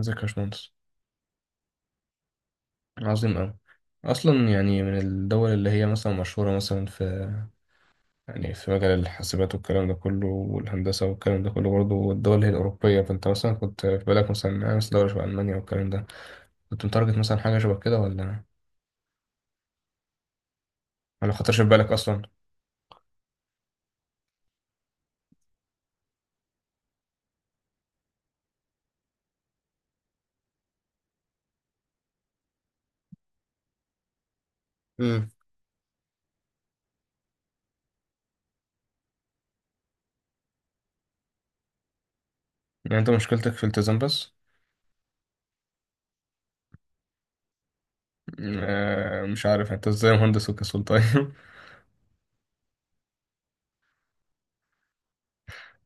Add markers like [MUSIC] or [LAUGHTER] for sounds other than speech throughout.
ازيك يا باشمهندس. عظيم أوي. أصلا يعني من الدول اللي هي مثلا مشهورة مثلا في، يعني في مجال الحاسبات والكلام ده كله والهندسة والكلام ده كله برضه، الدول اللي هي الأوروبية، فأنت مثلا كنت في بالك مثلا دولة شبه ألمانيا والكلام ده، كنت متارجت مثلا حاجة شبه كده ولا ولا خطرش في بالك أصلا؟ امم. يعني أنت مشكلتك في الالتزام بس؟ آه، مش عارف أنت إزاي مهندس وكسول طيب [LAUGHS]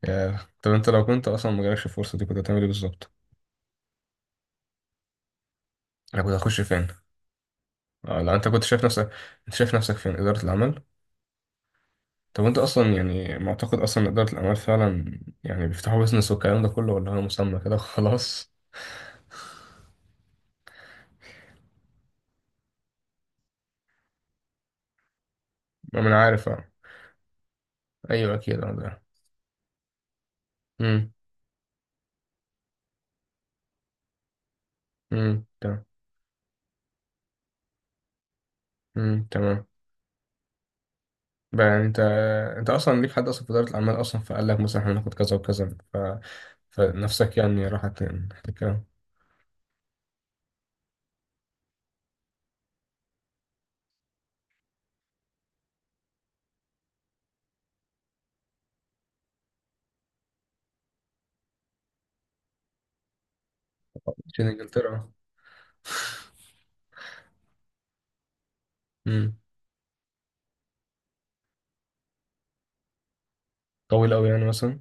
يا، طب أنت لو كنت أصلا مجالكش الفرصة دي كنت هتعمل إيه بالظبط؟ أنا كنت هخش فين؟ آه، لو أنت كنت شايف نفسك. أنت شايف نفسك فين؟ إدارة العمل؟ طب انت اصلا يعني معتقد اصلا ان اداره الاعمال فعلا يعني بيفتحوا بيزنس والكلام ده كله، ولا هو مسمى كده خلاص؟ ما انا عارف، اه. ايوه اكيد، اه ده. امم. امم، تمام. امم، تمام. بقى يعني انت، انت اصلا ليك حد اصلا في اداره الاعمال اصلا فقال لك مثلا احنا هناخد كذا وكذا ف... فنفسك يعني راحت ناحية الكلام؟ عشان انجلترا. امم. [LAUGHS] طويل قوي يعني مثلا.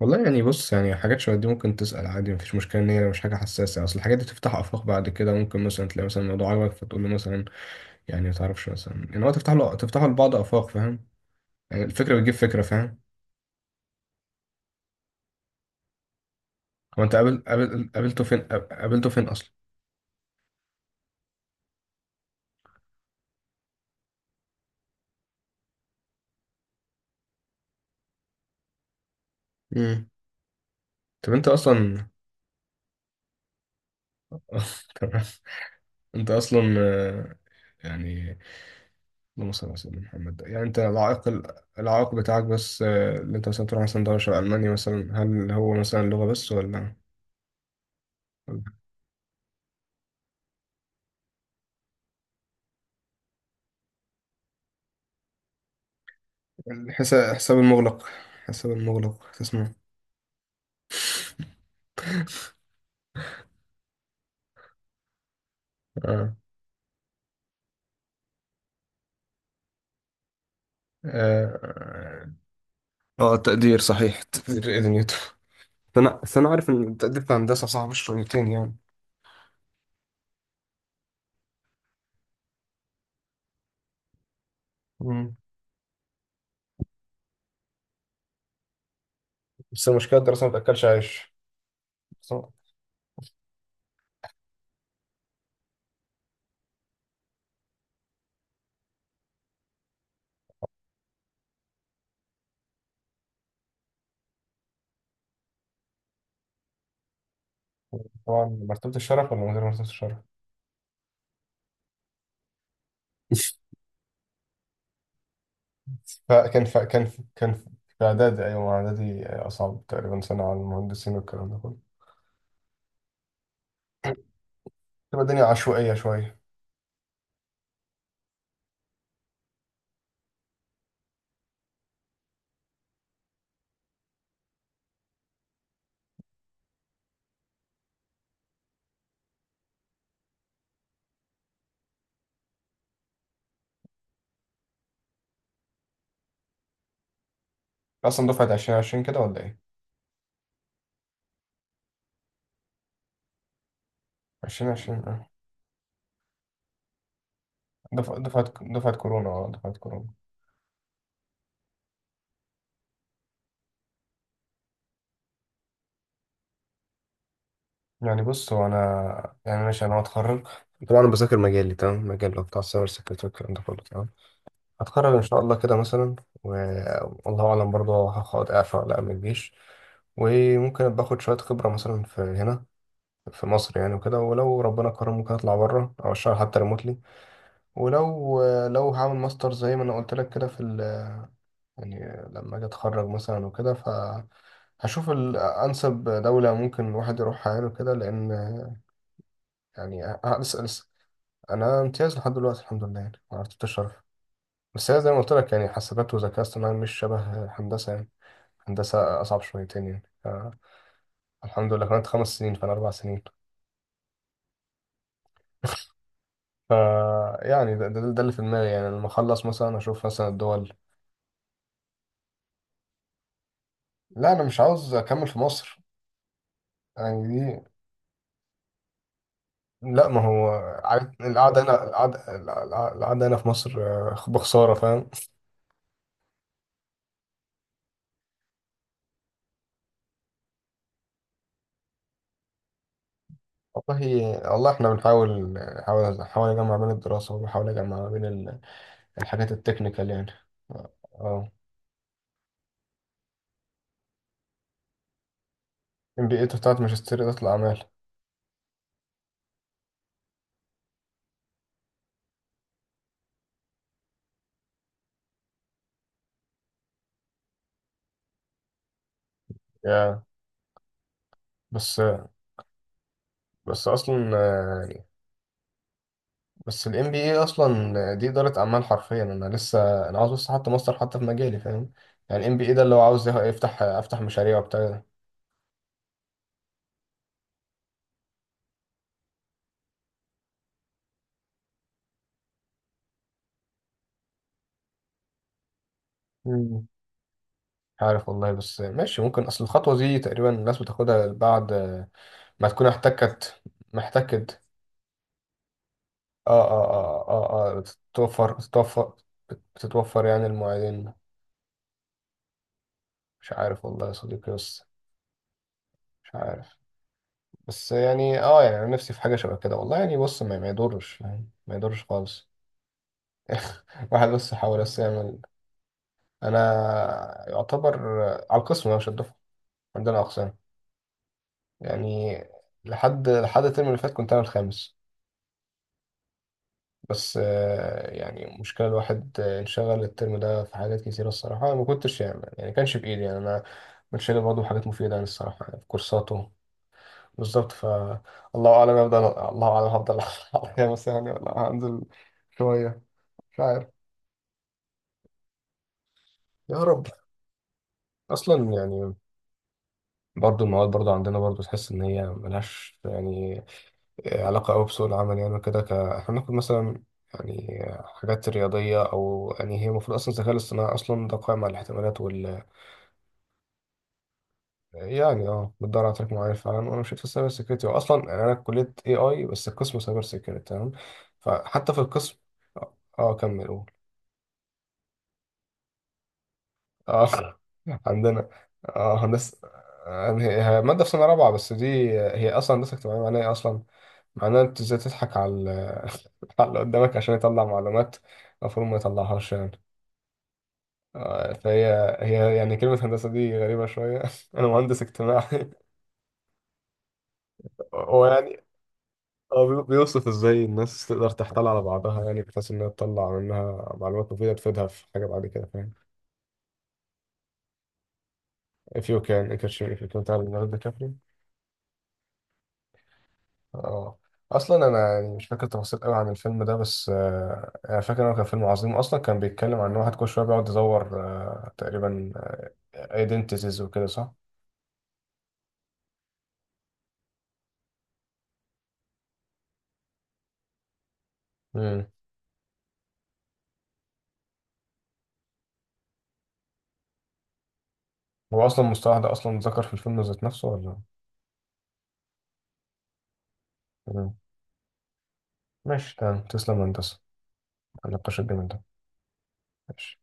والله يعني بص، يعني حاجات شبه دي ممكن تسأل عادي، مفيش مشكلة إن هي مش حاجة حساسة، أصل الحاجات دي تفتح آفاق بعد كده، ممكن مثلا تلاقي مثلا الموضوع عجبك فتقول له مثلا، يعني متعرفش مثلا، يعني هو تفتح له تفتحه لبعض آفاق، فاهم؟ يعني الفكرة بتجيب فكرة، فاهم؟ هو أنت قابل قابلته فين؟ قابلته فين أصلا؟ امم. طب أنت أصلا، [LAUGHS] تمام. أنت أصلا آه، يعني، اللهم صل على سيدنا محمد، يعني أنت العائق، العائق بتاعك بس آه، اللي أنت مثلا تروح مثلا دولة شبه ألمانيا مثلا، هل هو مثلا اللغة بس ولا؟ الحساب، حساب المغلق. حساب المغلق تسمع؟ اه، اه، آه، تقدير صحيح. تقدير إيه، نيوتن؟ انا بس انا عارف ان التقدير في الهندسه صعب شويتين يعني. مم. بس المشكله الدراسه ما بتاكلش عيش. بس طبعا، مرتبه الشرف ولا من غير مرتبه الشرف؟ [LAUGHS] فكان ف... كان ف... كان ف... في اعدادي، ايوه، اعدادي اصعب تقريبا سنه على المهندسين والكلام ده كله. تبقى الدنيا عشوائيه شويه. اصلا دفعه 2020 كده ولا ايه؟ 2020، اه. دفعه كورونا. اه، دفعه كورونا. يعني بص، هو انا يعني ماشي، انا هتخرج، طبعا انا بذاكر مجالي تمام، مجال اللي هو بتاع السايبر سيكيورتي والكلام ده كله تمام. هتخرج ان شاء الله كده مثلا، والله اعلم برضه هقعد اعفى ولا اعمل جيش. وممكن ابقى اخد شويه خبره مثلا في هنا، في مصر يعني وكده، ولو ربنا كرم ممكن اطلع بره او اشتغل حتى ريموتلي. ولو، لو هعمل ماستر زي ما انا قلت لك كده في ال... يعني لما اجي اتخرج مثلا وكده، ف هشوف الأنسب دولة ممكن الواحد يروحها يعني كده. لأن يعني لسه. انا امتياز لحد دلوقتي الحمد لله يعني، ما عرفتش الشرف. بس هي زي ما قلت لك يعني، حاسبات وذكاء اصطناعي مش شبه هندسه يعني. هندسه اصعب شويتين يعني، ف- الحمد لله، كانت خمس سنين فانا اربع سنين. ف، يعني ده اللي في دماغي، يعني لما اخلص مثلا اشوف مثلا الدول. لا، انا مش عاوز اكمل في مصر. يعني دي، لا ما هو، عارف القعده هنا، القعده القعدة هنا في مصر آه، بخساره، فاهم؟ والله، والله احنا بنحاول، نحاول اجمع بين الدراسه، وبحاول اجمع بين الحاجات التكنيكال يعني. اه، ام بي اي بتاعت ماجستير إدارة الأعمال. يا، بس، بس أصلا آه، يعني، بس الام بي اي أصلا دي إدارة أعمال حرفيا، أنا لسه أنا عاوز بس حتى ماستر حتى في مجالي، فاهم؟ يعني الام بي اي ده اللي هو عاوز يفتح، أفتح مشاريع وبتاع ده. مم. عارف والله، بس ماشي، ممكن أصل الخطوة دي تقريبا الناس بتاخدها بعد ما تكون احتكت، محتكت، اه اه اه اه اه، آه، بتتوفر، بتتوفر يعني المواعيدين. مش عارف والله يا صديقي، بس مش عارف. بس يعني اه، يعني انا نفسي في حاجه شبه كده والله، يعني بص، ما يضرش يعني، ما يضرش خالص. [LAUGHS] واحد بس حاول بس يعمل. انا يعتبر على القسم، انا مش الدفعه، عندنا اقسام يعني. لحد، لحد الترم اللي فات كنت انا الخامس، بس آه، يعني مشكله الواحد آه، انشغل الترم ده في حاجات كتيره، الصراحه أنا ما كنتش يعني، يعني كانش بايدي يعني، انا كنت شايل برضه حاجات مفيده يعني الصراحه، يعني في كورساته. بالظبط، ف الله اعلم هفضل، الله اعلم هفضل [LAUGHS] عليا مثلا يعني، [LAUGHS] ولا هنزل شويه، مش عارف. يا رب. اصلا يعني، برضو المواد برضو عندنا برضو تحس ان هي ملهاش يعني علاقه قوي بسوق العمل يعني، وكده ك... احنا بناخد مثلا يعني حاجات رياضيه، او يعني هي المفروض اصلا الذكاء الاصطناعي اصلا ده قائم على الاحتمالات وال، يعني اه بتدور على تراك معين فعلا، وانا مشيت في السايبر سيكيورتي، واصلا يعني انا كليه اي اي بس القسم سايبر سيكيورتي تمام. فحتى في القسم، اه آه، كمل. اه [LAUGHS] عندنا، اه هندسة، آه، هي مادة في سنة رابعة بس دي. هي أصلا هندسة اجتماعية معناها إيه أصلا؟ معناها أنت إزاي تضحك على ال-، [LAUGHS] على اللي قدامك عشان يطلع معلومات المفروض ما يطلعهاش يعني. آه، فهي، هي يعني كلمة هندسة دي غريبة شوية، [LAUGHS] أنا مهندس اجتماعي. [LAUGHS] هو يعني، هو بيوصف إزاي الناس تقدر تحتال على بعضها، يعني بحيث إنها تطلع منها معلومات مفيدة تفيدها في حاجة بعد كده، فاهم؟ If you can, it can, if you can tell another country. اه، اصلا انا يعني مش فاكر تفاصيل قوي عن الفيلم ده، بس آه، انا فاكر انه كان فيلم عظيم، اصلا كان بيتكلم عن ان واحد كل شويه بيقعد يدور آه، تقريبا ايدنتيتيز وكده، صح؟ امم. هو اصلا المصطلح ده اصلا اتذكر في الفيلم ذات نفسه ولا؟ مم. ماشي، تمام، تسلم يا هندسه على النقاش الجميل ده. ماشي.